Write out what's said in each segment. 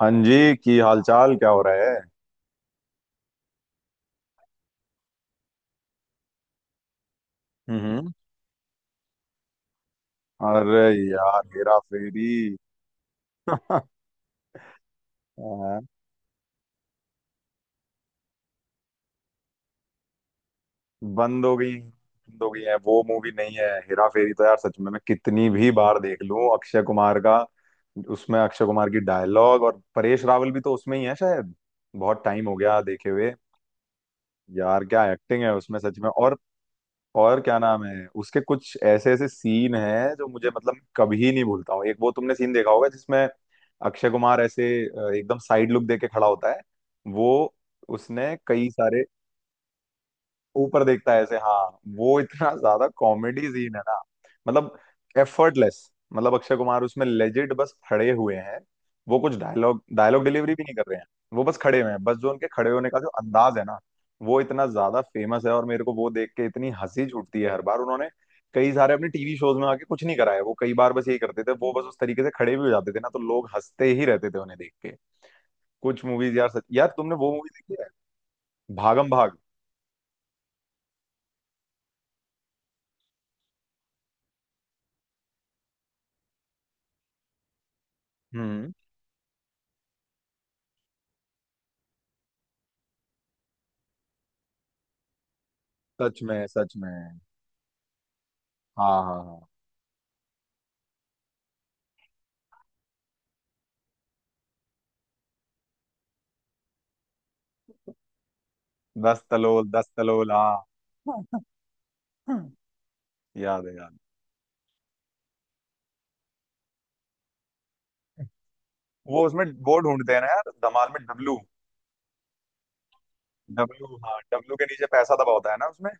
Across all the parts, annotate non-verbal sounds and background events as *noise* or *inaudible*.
हाँ जी, की हालचाल क्या हो रहा है। हम्म। अरे। यार हेरा फेरी। हाँ। बंद हो गई, बंद हो गई है। वो मूवी नहीं है? हेरा फेरी तो यार सच में, मैं कितनी भी बार देख लूं अक्षय कुमार का। उसमें अक्षय कुमार की डायलॉग, और परेश रावल भी तो उसमें ही है शायद। बहुत टाइम हो गया देखे हुए। यार क्या एक्टिंग है उसमें, सच में। और क्या नाम है उसके, कुछ ऐसे ऐसे सीन हैं जो मुझे, मतलब, कभी नहीं भूलता हूँ। एक वो तुमने सीन देखा होगा जिसमें अक्षय कुमार ऐसे एकदम साइड लुक देके खड़ा होता है। वो। उसने कई सारे। ऊपर देखता है ऐसे, हाँ। वो इतना *laughs* ज्यादा कॉमेडी सीन है ना। मतलब एफर्टलेस, मतलब अक्षय कुमार उसमें लेजिट बस खड़े हुए हैं। वो कुछ डायलॉग डायलॉग डिलीवरी भी नहीं कर रहे हैं। वो बस खड़े हुए हैं, बस जो उनके खड़े होने का जो अंदाज है ना, वो इतना ज्यादा फेमस है। और मेरे को वो देख के इतनी हंसी छूटती है हर बार। उन्होंने कई सारे अपने टीवी शोज में आके कुछ नहीं कराया, वो कई बार बस यही करते थे। वो बस उस तरीके से खड़े भी हो जाते थे ना, तो लोग हंसते ही रहते थे उन्हें देख के। कुछ मूवीज यार, सच, यार तुमने वो मूवी देखी है भागम भाग? हम्म। सच में, सच में। हाँ, हाँ, हाँ। दस तलोल, 10 तलोल, हाँ। *laughs* याद है, याद है। वो उसमें वो ढूंढते हैं ना यार, धमाल में, डब्लू। डब्लू, हाँ, डब्लू के नीचे पैसा दबा होता है ना उसमें।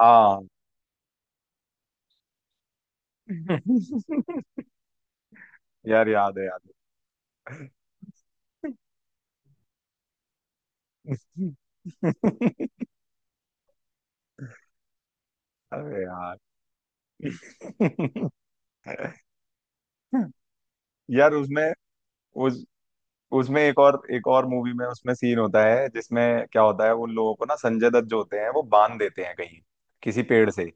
हाँ। *laughs* यार याद है, याद है। *laughs* अरे यार। *laughs* यार उसमें उस उसमें एक और मूवी में उसमें सीन होता है जिसमें क्या होता है, उन लोगों को ना, संजय दत्त जो होते हैं वो बांध देते हैं कहीं, किसी पेड़ से।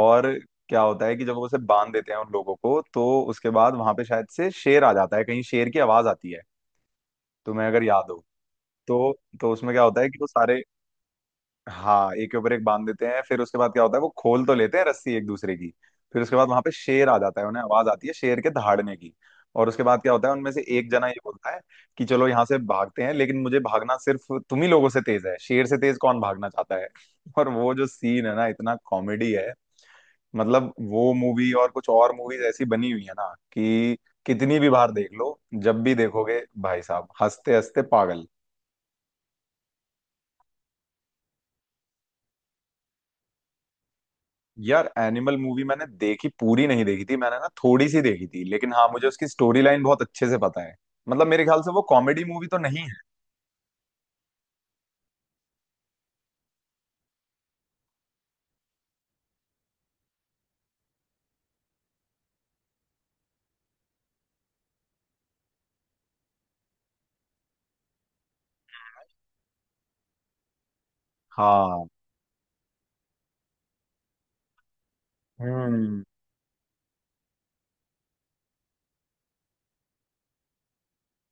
और क्या होता है कि जब वो उसे बांध देते हैं उन लोगों को, तो उसके बाद वहां पे शायद से शेर आ जाता है कहीं, शेर की आवाज आती है, तुम्हें अगर याद हो। तो तो उसमें क्या होता है कि वो सारे, हाँ एक के ऊपर एक बांध देते हैं, फिर उसके बाद क्या होता है, वो खोल तो लेते हैं रस्सी एक दूसरे की। फिर उसके बाद वहां पे शेर आ जाता है, उन्हें आवाज आती है शेर के दहाड़ने की। और उसके बाद क्या होता है, उनमें से एक जना ये बोलता है कि चलो यहाँ से भागते हैं, लेकिन मुझे भागना सिर्फ तुम ही लोगों से तेज है, शेर से तेज कौन भागना चाहता है? *laughs* और वो जो सीन है ना, इतना कॉमेडी है। मतलब वो मूवी और कुछ और मूवीज ऐसी बनी हुई है ना, कि कितनी भी बार देख लो, जब भी देखोगे भाई साहब हंसते हंसते पागल। यार एनिमल मूवी मैंने देखी, पूरी नहीं देखी थी मैंने ना, थोड़ी सी देखी थी, लेकिन हाँ मुझे उसकी स्टोरी लाइन बहुत अच्छे से पता है। मतलब मेरे ख्याल से वो कॉमेडी मूवी तो नहीं है। हाँ। हम्म।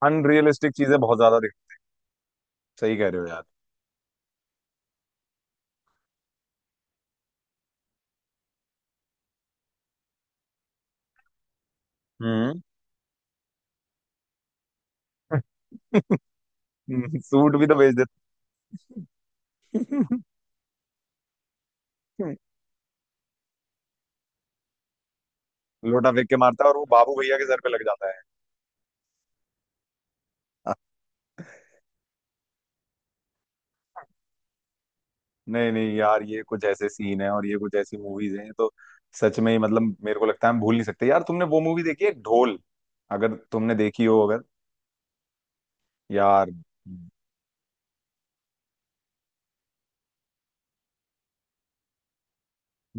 अनरियलिस्टिक चीजें बहुत ज्यादा दिख। सही कह रहे हो यार। हम्म। *laughs* सूट भी तो बेच देते। *laughs* लोटा फेंक के मारता है, और वो बाबू भैया के सर पे लग जाता है। नहीं, नहीं, यार, ये कुछ ऐसे सीन है और ये कुछ ऐसी मूवीज हैं, तो सच में ही, मतलब मेरे को लगता है हम भूल नहीं सकते। यार तुमने वो मूवी देखी है ढोल, अगर तुमने देखी हो, अगर। यार,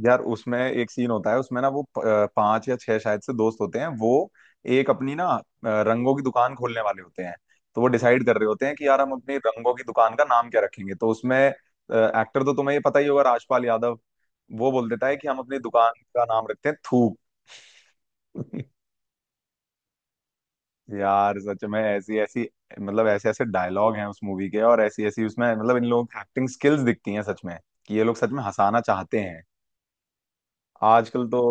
यार उसमें एक सीन होता है, उसमें ना वो पांच या छह शायद से दोस्त होते हैं वो। एक अपनी ना रंगों की दुकान खोलने वाले होते हैं। तो वो डिसाइड कर रहे होते हैं कि यार हम अपनी रंगों की दुकान का नाम क्या रखेंगे, तो उसमें एक्टर तो तुम्हें ये पता ही होगा, राजपाल यादव। वो बोल देता है कि हम अपनी दुकान का नाम रखते हैं थूक। यार सच में ऐसी ऐसी, मतलब ऐसे ऐसे डायलॉग हैं उस मूवी के, और ऐसी ऐसी उसमें, मतलब इन लोग एक्टिंग स्किल्स दिखती हैं, सच में कि ये लोग सच में हंसाना चाहते हैं। आजकल तो।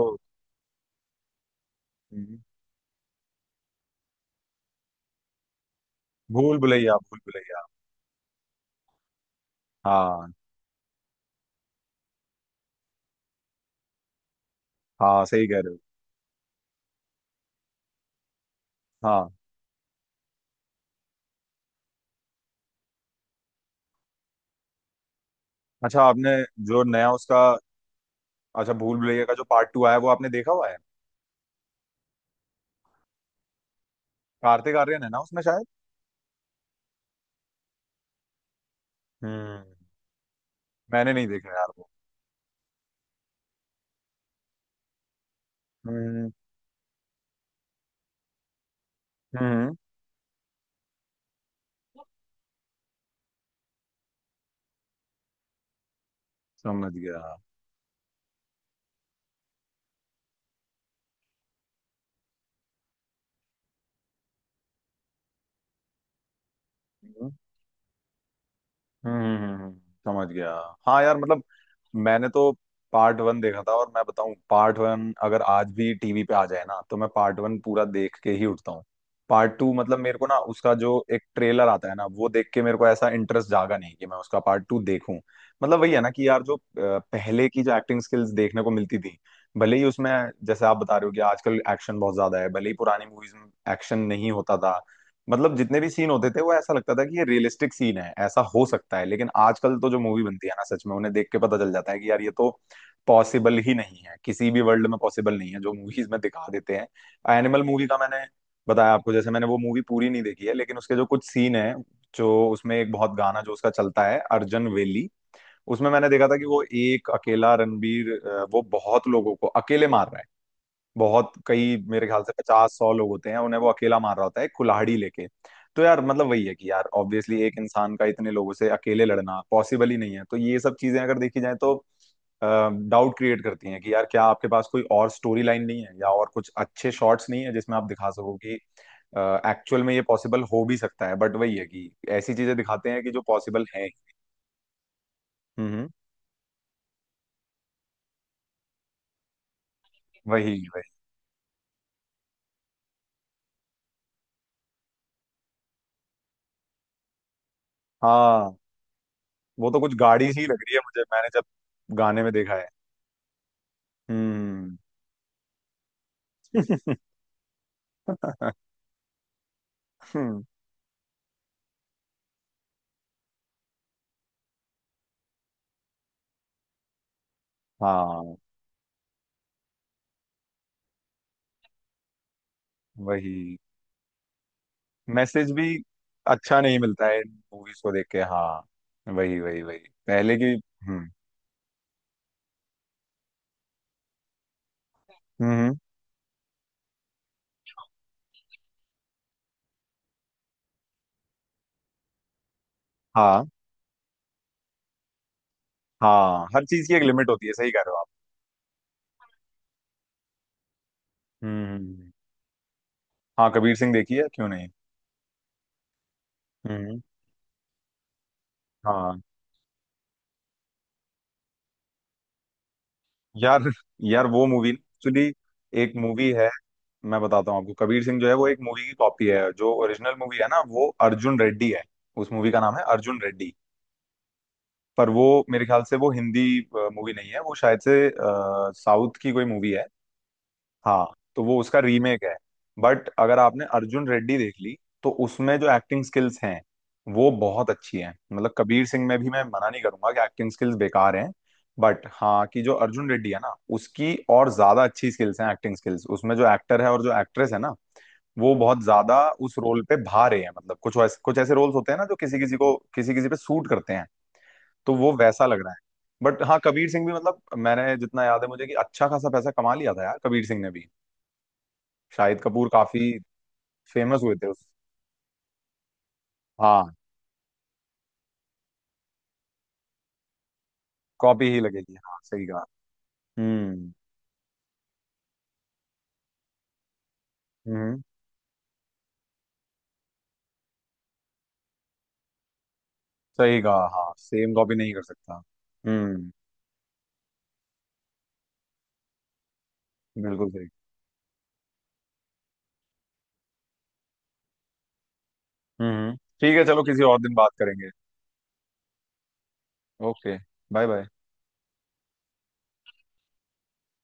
भूल भुलैया, भूल भुलैया। हाँ, हाँ सही कह रहे, हो हाँ। अच्छा आपने जो नया उसका, अच्छा भूल भुलैया का जो पार्ट टू आया वो आपने देखा हुआ है? कार्तिक आर्यन है ना उसमें शायद। हम्म। मैंने नहीं देखा यार वो। हम्म, हम्म, समझ गया। हम्म, हम्म, हम्म, समझ गया। हाँ यार मतलब। मैंने तो पार्ट वन देखा था, और मैं बताऊं पार्ट वन अगर आज भी टीवी पे आ जाए ना, तो मैं पार्ट वन पूरा देख के ही उठता हूँ। पार्ट टू मतलब मेरे को ना, उसका जो एक ट्रेलर आता है ना, वो देख के मेरे को ऐसा इंटरेस्ट जागा नहीं कि मैं उसका पार्ट टू देखूं। मतलब वही है ना कि यार जो पहले की जो एक्टिंग स्किल्स देखने को मिलती थी, भले ही उसमें, जैसे आप बता रहे हो कि आजकल एक्शन बहुत ज्यादा है, भले ही पुरानी मूवीज में एक्शन नहीं होता था। मतलब जितने भी सीन होते थे वो ऐसा लगता था कि ये रियलिस्टिक सीन है, ऐसा हो सकता है, लेकिन आजकल तो जो मूवी बनती है ना, सच में उन्हें देख के पता चल जाता है कि यार ये तो पॉसिबल ही नहीं है, किसी भी वर्ल्ड में पॉसिबल नहीं है जो मूवीज में दिखा देते हैं। एनिमल मूवी का मैंने बताया आपको, जैसे मैंने वो मूवी पूरी नहीं देखी है, लेकिन उसके जो कुछ सीन है, जो उसमें, एक बहुत गाना जो उसका चलता है अर्जन वेली। उसमें मैंने देखा था कि वो एक अकेला रणबीर, वो बहुत लोगों को अकेले मार रहा है। बहुत कई, मेरे ख्याल से 50 100 लोग होते हैं, उन्हें वो अकेला मार रहा होता है, एक कुल्हाड़ी लेके। तो यार मतलब वही है कि यार, ऑब्वियसली एक इंसान का इतने लोगों से अकेले लड़ना पॉसिबल ही नहीं है, तो ये सब चीजें अगर देखी जाए, तो डाउट क्रिएट करती हैं कि यार क्या आपके पास कोई और स्टोरी लाइन नहीं है, या और कुछ अच्छे शॉट्स नहीं है जिसमें आप दिखा सको कि एक्चुअल में ये पॉसिबल हो भी सकता है। बट वही है कि ऐसी चीजें दिखाते हैं कि जो पॉसिबल है। हम्म। वही, वही। हाँ। वो तो कुछ गाड़ी सी लग रही है मुझे, मैंने जब गाने में देखा है। हम्म। *laughs* *laughs* हाँ वही। मैसेज भी अच्छा नहीं मिलता है मूवीज को देख के, हाँ वही, वही, वही। पहले की। हम्म, हम्म, हाँ, हाँ हर चीज की एक लिमिट होती है, सही कह रहे हो आप। हम्म, हाँ कबीर सिंह देखी है, क्यों नहीं। हम्म। हाँ। यार, यार वो मूवी एक्चुअली एक मूवी है। मैं बताता हूँ आपको, कबीर सिंह जो है वो एक मूवी की कॉपी है, जो ओरिजिनल मूवी है ना, वो अर्जुन रेड्डी है। उस मूवी का नाम है अर्जुन रेड्डी। पर वो मेरे ख्याल से वो हिंदी मूवी नहीं है, वो शायद से साउथ की कोई मूवी है। हाँ। तो वो उसका रीमेक है, बट अगर आपने अर्जुन रेड्डी देख ली, तो उसमें जो एक्टिंग स्किल्स हैं वो बहुत अच्छी हैं। मतलब कबीर सिंह में भी मैं मना नहीं करूंगा कि एक्टिंग स्किल्स बेकार हैं। बट हाँ कि जो अर्जुन रेड्डी है ना, उसकी और ज्यादा अच्छी स्किल्स हैं, एक्टिंग स्किल्स, उसमें जो एक्टर है और जो एक्ट्रेस है ना, वो बहुत ज्यादा उस रोल पे भा रहे हैं। मतलब कुछ वैसे, कुछ ऐसे रोल्स होते हैं ना जो किसी किसी को, किसी किसी पे सूट करते हैं, तो वो वैसा लग रहा है। बट हाँ कबीर सिंह भी, मतलब मैंने जितना याद है मुझे, कि अच्छा खासा पैसा कमा लिया था यार कबीर सिंह ने भी, शाहिद कपूर काफी फेमस हुए थे उस। हाँ, कॉपी ही लगेगी, हाँ सही कहा। हम्म, हम्म, सही कहा, हाँ सेम कॉपी नहीं कर सकता। हम्म। बिल्कुल सही। हम्म, ठीक है, चलो किसी और दिन बात करेंगे। ओके। Bye bye.